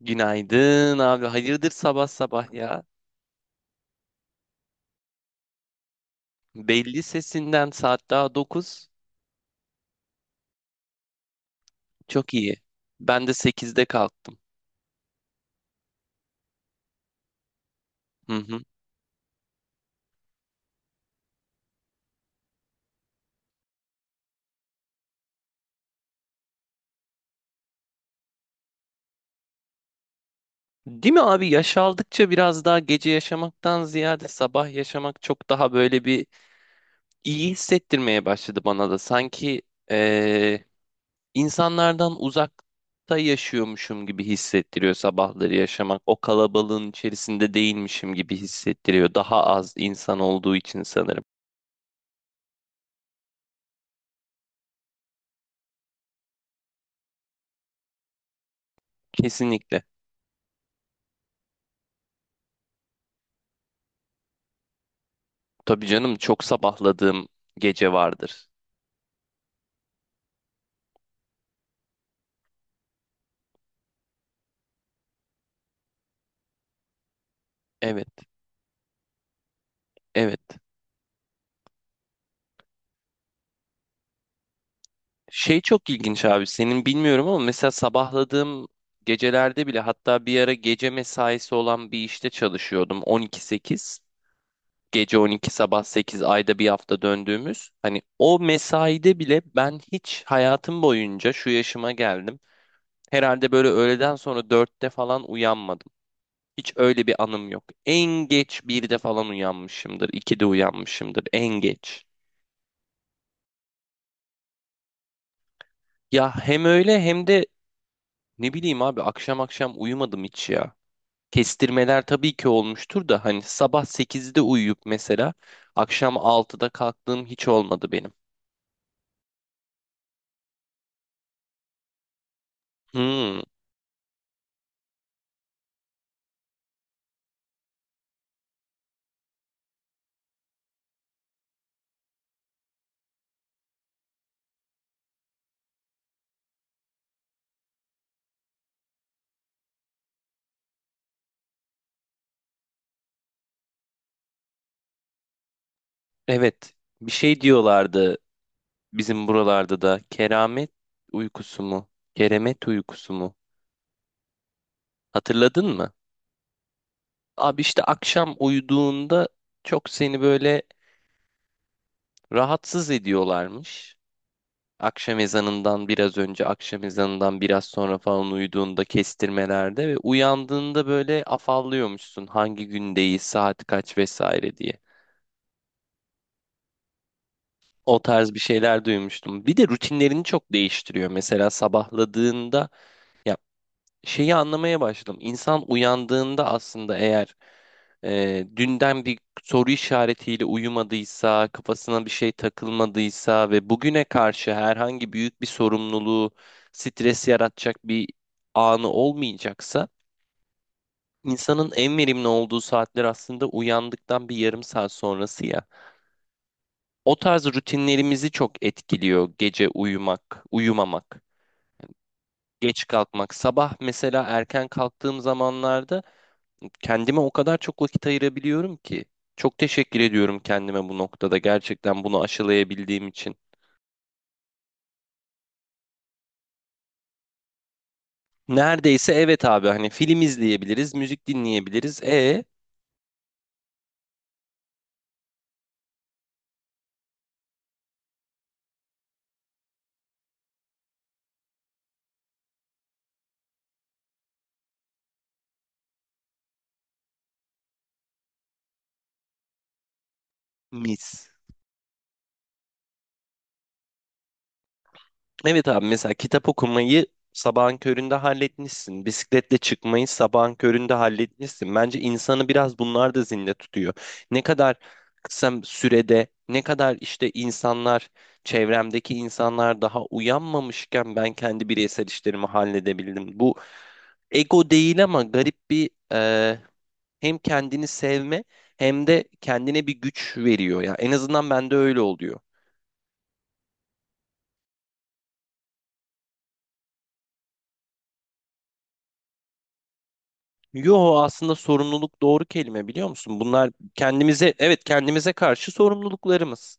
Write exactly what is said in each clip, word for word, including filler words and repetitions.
Günaydın abi. Hayırdır sabah sabah ya? Belli sesinden saat daha dokuz. Çok iyi. Ben de sekizde kalktım. Hı hı. Değil mi abi? Yaş aldıkça biraz daha gece yaşamaktan ziyade sabah yaşamak çok daha böyle bir iyi hissettirmeye başladı bana da. Sanki eee, insanlardan uzakta yaşıyormuşum gibi hissettiriyor sabahları yaşamak. O kalabalığın içerisinde değilmişim gibi hissettiriyor. Daha az insan olduğu için sanırım. Kesinlikle. Tabii canım çok sabahladığım gece vardır. Evet, evet. Şey çok ilginç abi, senin bilmiyorum ama mesela sabahladığım gecelerde bile, hatta bir ara gece mesaisi olan bir işte çalışıyordum. on iki sekiz, gece on iki sabah sekiz, ayda bir hafta döndüğümüz. Hani o mesaide bile, ben hiç hayatım boyunca şu yaşıma geldim. Herhalde böyle öğleden sonra dörtte falan uyanmadım. Hiç öyle bir anım yok. En geç birde falan uyanmışımdır, ikide uyanmışımdır en geç. Ya hem öyle hem de ne bileyim abi, akşam akşam uyumadım hiç ya. Kestirmeler tabii ki olmuştur da, hani sabah sekizde uyuyup mesela akşam altıda kalktığım hiç olmadı benim. Hmm, evet, bir şey diyorlardı bizim buralarda da, keramet uykusu mu? Keremet uykusu mu? Hatırladın mı? Abi işte akşam uyuduğunda çok seni böyle rahatsız ediyorlarmış. Akşam ezanından biraz önce, akşam ezanından biraz sonra falan uyuduğunda, kestirmelerde, ve uyandığında böyle afallıyormuşsun, hangi gündeyiz, saat kaç vesaire diye. O tarz bir şeyler duymuştum. Bir de rutinlerini çok değiştiriyor. Mesela sabahladığında ya, şeyi anlamaya başladım. İnsan uyandığında aslında, eğer e, dünden bir soru işaretiyle uyumadıysa, kafasına bir şey takılmadıysa, ve bugüne karşı herhangi büyük bir sorumluluğu, stres yaratacak bir anı olmayacaksa, insanın en verimli olduğu saatler aslında uyandıktan bir yarım saat sonrası ya. O tarz rutinlerimizi çok etkiliyor gece uyumak, uyumamak. Geç kalkmak. Sabah mesela erken kalktığım zamanlarda kendime o kadar çok vakit ayırabiliyorum ki. Çok teşekkür ediyorum kendime bu noktada, gerçekten bunu aşılayabildiğim için. Neredeyse, evet abi, hani film izleyebiliriz, müzik dinleyebiliriz. E mis. Evet abi, mesela kitap okumayı sabahın köründe halletmişsin. Bisikletle çıkmayı sabahın köründe halletmişsin. Bence insanı biraz bunlar da zinde tutuyor. Ne kadar kısa sürede, ne kadar işte insanlar, çevremdeki insanlar daha uyanmamışken, ben kendi bireysel işlerimi halledebildim. Bu ego değil ama garip bir e, hem kendini sevme hem de kendine bir güç veriyor. Ya en azından bende öyle oluyor. Yo, aslında sorumluluk doğru kelime biliyor musun? Bunlar kendimize, evet, kendimize karşı sorumluluklarımız.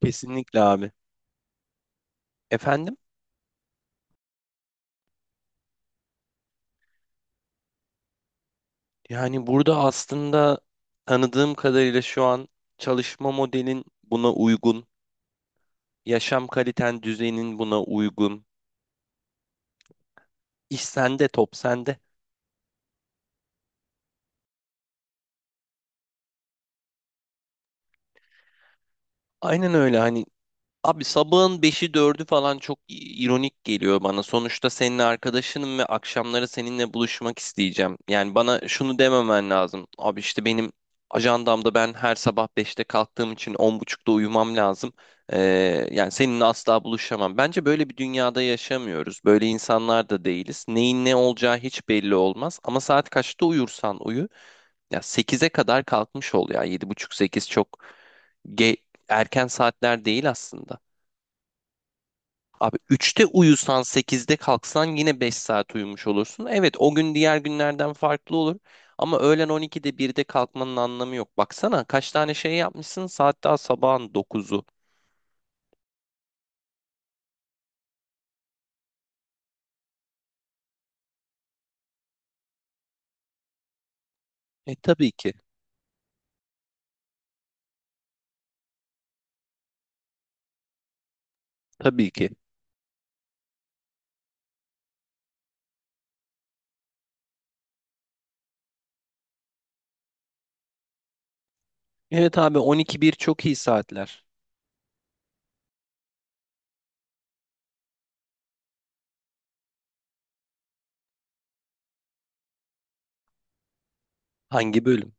Kesinlikle abi. Efendim? Yani burada aslında, tanıdığım kadarıyla, şu an çalışma modelin buna uygun, yaşam kaliten düzeyinin buna uygun. İş sende, top sende. Aynen öyle. Hani abi, sabahın beşi dördü falan çok i- ironik geliyor bana. Sonuçta senin arkadaşınım ve akşamları seninle buluşmak isteyeceğim. Yani bana şunu dememen lazım. Abi işte benim ajandamda, ben her sabah beşte kalktığım için on buçukta uyumam lazım. Ee, Yani seninle asla buluşamam. Bence böyle bir dünyada yaşamıyoruz. Böyle insanlar da değiliz. Neyin ne olacağı hiç belli olmaz. Ama saat kaçta uyursan uyu. Ya sekize kadar kalkmış ol ya. Yedi buçuk sekiz çok ge- erken saatler değil aslında. Abi üçte uyusan sekizde kalksan yine beş saat uyumuş olursun. Evet, o gün diğer günlerden farklı olur. Ama öğlen on ikide birde kalkmanın anlamı yok. Baksana kaç tane şey yapmışsın, saat daha sabahın dokuzu. E tabii ki. Tabii ki. Evet abi, on iki bir çok iyi saatler. Hangi bölüm?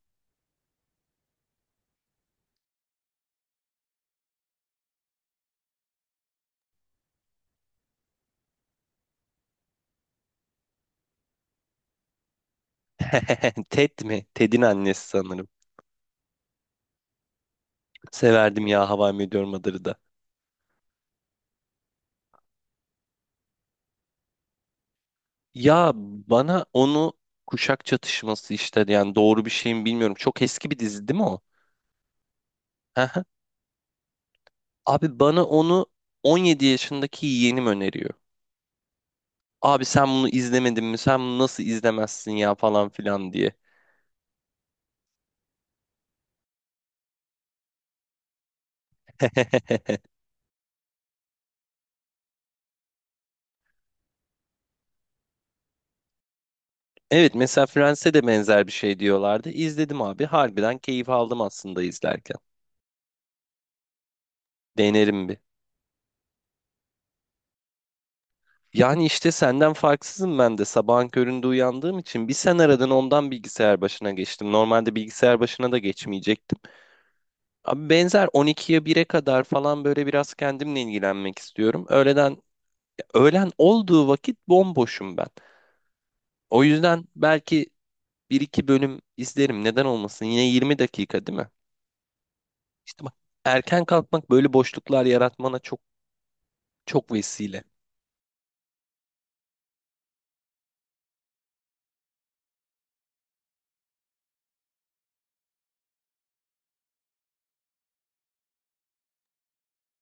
Ted mi? Ted'in annesi sanırım. Severdim ya How I Met Your Mother'ı da. Ya, bana onu kuşak çatışması işte, yani doğru bir şeyim bilmiyorum. Çok eski bir dizi değil mi o? Abi bana onu on yedi yaşındaki yeğenim öneriyor. Abi sen bunu izlemedin mi? Sen bunu nasıl izlemezsin ya falan filan diye. Evet, mesela Friends'e de benzer bir şey diyorlardı. İzledim abi. Harbiden keyif aldım aslında izlerken. Denerim bir. Yani işte senden farksızım ben de. Sabahın köründe uyandığım için, bir sen aradın, ondan bilgisayar başına geçtim. Normalde bilgisayar başına da geçmeyecektim. Abi benzer on ikiye bire kadar falan böyle biraz kendimle ilgilenmek istiyorum. Öğleden Öğlen olduğu vakit bomboşum ben. O yüzden belki bir iki bölüm izlerim. Neden olmasın? Yine yirmi dakika değil mi? İşte bak, erken kalkmak böyle boşluklar yaratmana çok çok vesile.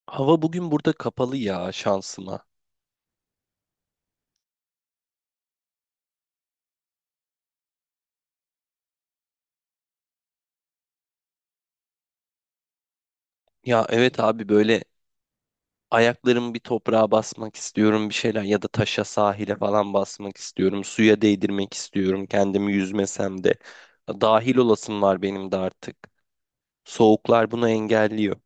Hava bugün burada kapalı ya, şansıma. Ya evet abi, böyle ayaklarımı bir toprağa basmak istiyorum, bir şeyler, ya da taşa, sahile falan basmak istiyorum. Suya değdirmek istiyorum kendimi yüzmesem de. Dahil olasım var benim de artık. Soğuklar bunu engelliyor.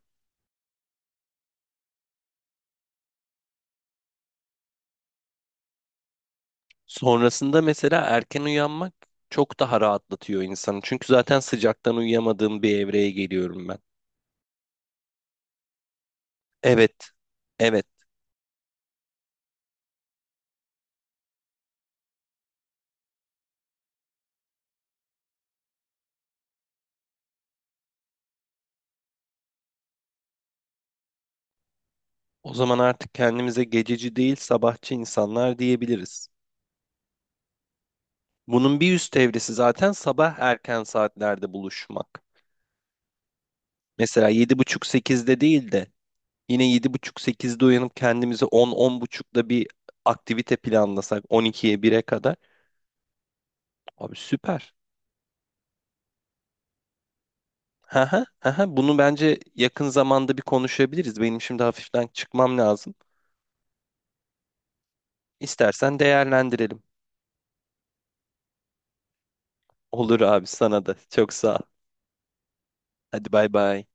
Sonrasında mesela erken uyanmak çok daha rahatlatıyor insanı. Çünkü zaten sıcaktan uyuyamadığım bir evreye geliyorum ben. Evet, evet. O zaman artık kendimize gececi değil sabahçı insanlar diyebiliriz. Bunun bir üst evresi zaten sabah erken saatlerde buluşmak. Mesela yedi buçuk sekizde değil de, yine yedi buçuk sekizde uyanıp kendimizi on, on buçukta bir aktivite planlasak on ikiye bire kadar. Abi süper. Haha, haha. Bunu bence yakın zamanda bir konuşabiliriz. Benim şimdi hafiften çıkmam lazım. İstersen değerlendirelim. Olur abi, sana da. Çok sağ ol. Hadi bay bay.